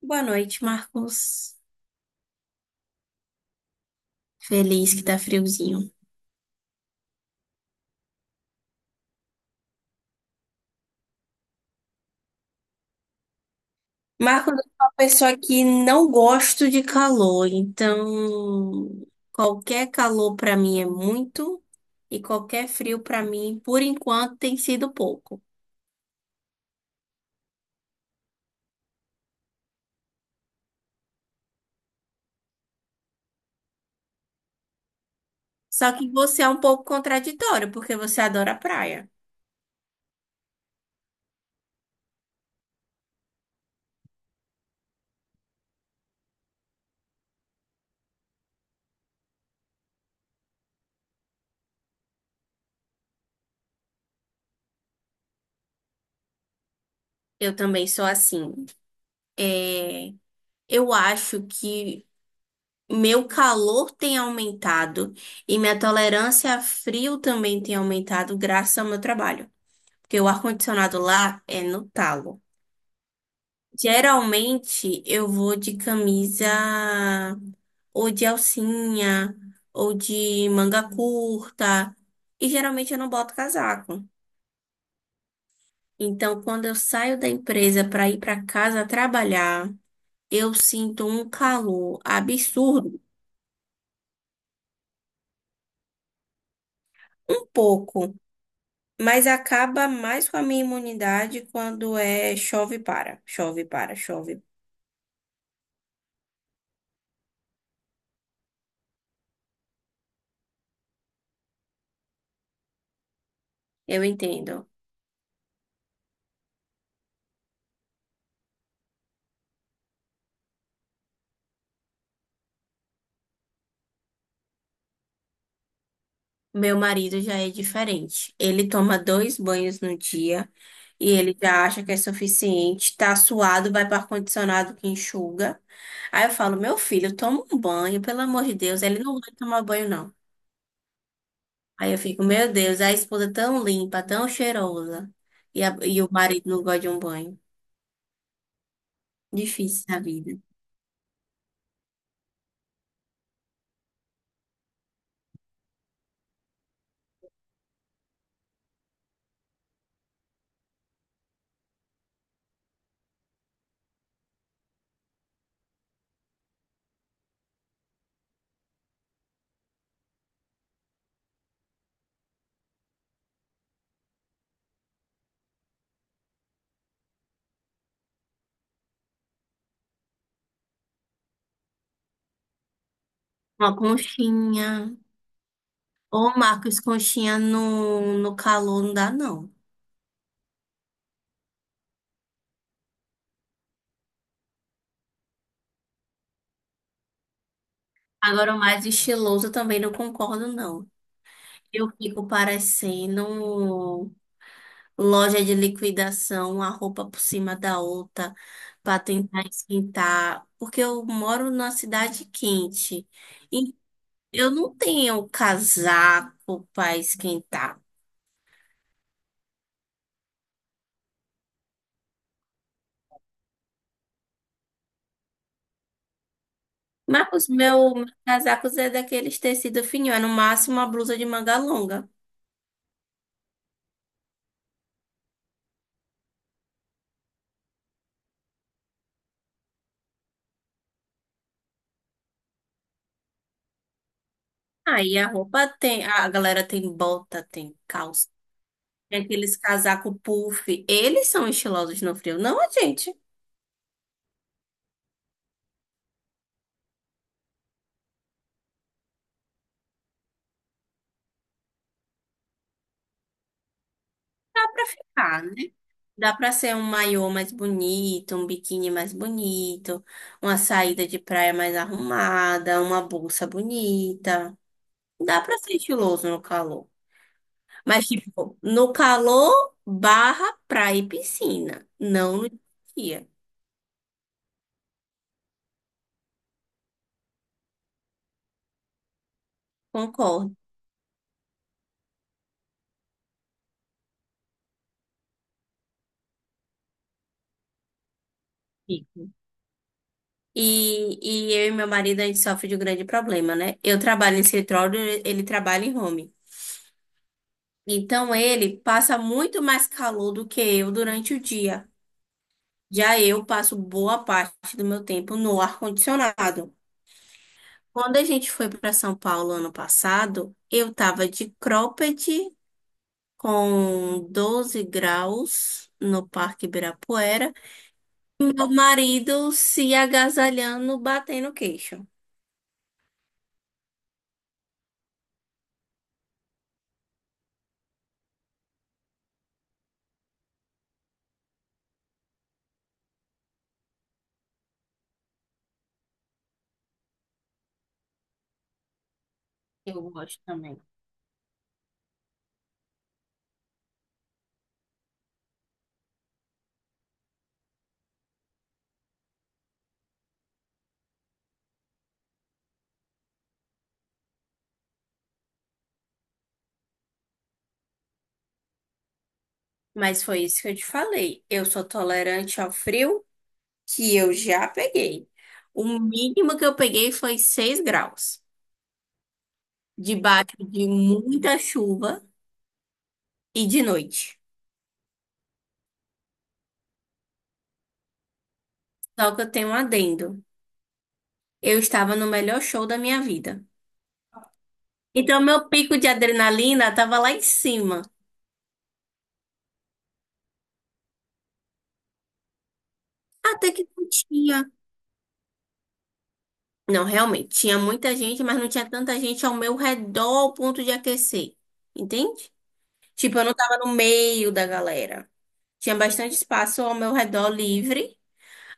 Boa noite, Marcos. Feliz que tá friozinho. Marcos, eu sou uma pessoa que não gosto de calor, então qualquer calor pra mim é muito e qualquer frio pra mim, por enquanto, tem sido pouco. Só que você é um pouco contraditório, porque você adora praia. Eu também sou assim. É, eu acho que meu calor tem aumentado e minha tolerância a frio também tem aumentado graças ao meu trabalho. Porque o ar-condicionado lá é no talo. Geralmente eu vou de camisa ou de alcinha ou de manga curta. E geralmente eu não boto casaco. Então, quando eu saio da empresa para ir para casa trabalhar, eu sinto um calor absurdo, um pouco, mas acaba mais com a minha imunidade quando é chove e para, chove e para, chove. Eu entendo. Meu marido já é diferente. Ele toma dois banhos no dia e ele já acha que é suficiente. Tá suado, vai para ar-condicionado que enxuga. Aí eu falo, meu filho, toma um banho, pelo amor de Deus. Ele não vai tomar banho, não. Aí eu fico, meu Deus, a esposa tão limpa, tão cheirosa. E, e o marido não gosta de um banho. Difícil a vida. Uma conchinha. Ô, Marcos, conchinha no calor não dá, não. Agora, o mais estiloso eu também não concordo, não. Eu fico parecendo loja de liquidação, uma roupa por cima da outra, para tentar esquentar, porque eu moro numa cidade quente e eu não tenho casaco para esquentar. Mas os meus casacos é daqueles tecido fininho, é no máximo uma blusa de manga longa. Aí a roupa tem, a galera tem bota, tem calça, tem aqueles casaco puff. Eles são estilosos no frio, não a gente. Dá pra ficar, né? Dá pra ser um maiô mais bonito, um biquíni mais bonito, uma saída de praia mais arrumada, uma bolsa bonita. Dá pra ser estiloso no calor. Mas, tipo, no calor barra praia e piscina, não no dia. Concordo. Fico. E eu e meu marido, a gente sofre de um grande problema, né? Eu trabalho em escritório, ele trabalha em home. Então, ele passa muito mais calor do que eu durante o dia. Já eu passo boa parte do meu tempo no ar-condicionado. Quando a gente foi para São Paulo ano passado, eu tava de cropped com 12 graus no Parque Ibirapuera. Meu marido se agasalhando, batendo queixo. Eu gosto também. Mas foi isso que eu te falei. Eu sou tolerante ao frio que eu já peguei. O mínimo que eu peguei foi 6 graus, debaixo de muita chuva e de noite. Só que eu tenho um adendo. Eu estava no melhor show da minha vida. Então, meu pico de adrenalina estava lá em cima. Até que não tinha. Não, realmente, tinha muita gente, mas não tinha tanta gente ao meu redor ao ponto de aquecer. Entende? Tipo, eu não tava no meio da galera. Tinha bastante espaço ao meu redor livre.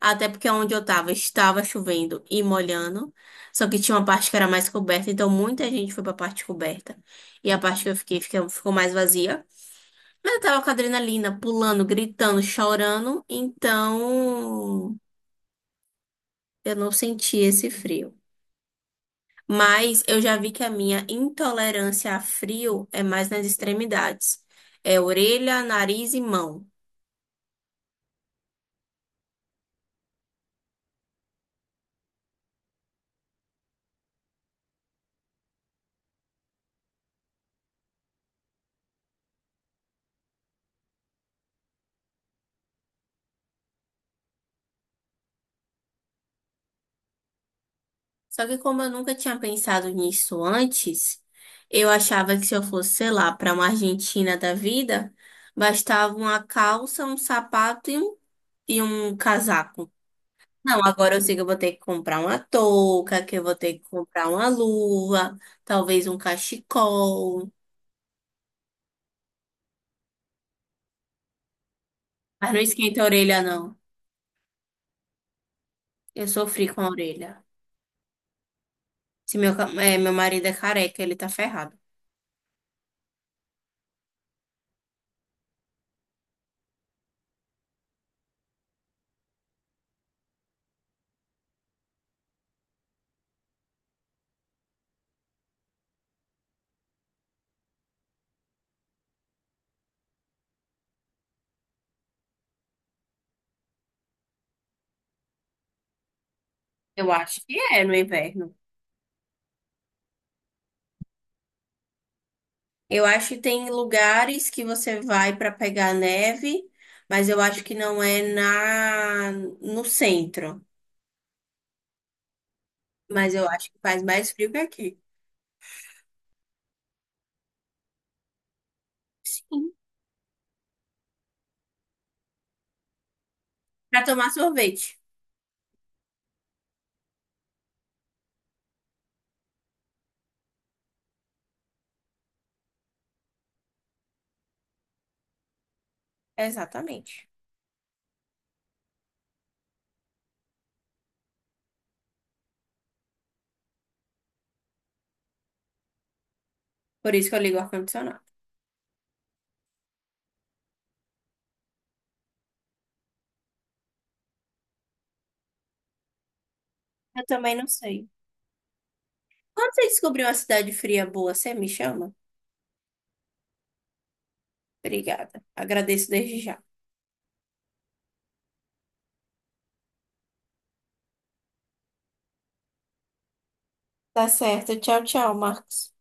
Até porque onde eu tava estava chovendo e molhando. Só que tinha uma parte que era mais coberta, então muita gente foi para a parte coberta. E a parte que eu fiquei ficou mais vazia. Mas eu tava com adrenalina, pulando, gritando, chorando, então eu não senti esse frio. Mas eu já vi que a minha intolerância a frio é mais nas extremidades. É orelha, nariz e mão. Só que como eu nunca tinha pensado nisso antes, eu achava que se eu fosse, sei lá, para uma Argentina da vida, bastava uma calça, um sapato e e um casaco. Não, agora eu sei que eu vou ter que comprar uma touca, que eu vou ter que comprar uma luva, talvez um cachecol. Mas não esquenta a orelha, não. Eu sofri com a orelha. Se meu marido é careca, ele tá ferrado. Eu acho que é no inverno. Eu acho que tem lugares que você vai para pegar neve, mas eu acho que não é na no centro. Mas eu acho que faz mais frio que aqui. Sim. Para tomar sorvete. Exatamente. Por isso que eu ligo o ar-condicionado. Eu também não sei. Quando você descobrir uma cidade fria boa, você me chama? Obrigada. Agradeço desde já. Tá certo. Tchau, tchau, Marcos.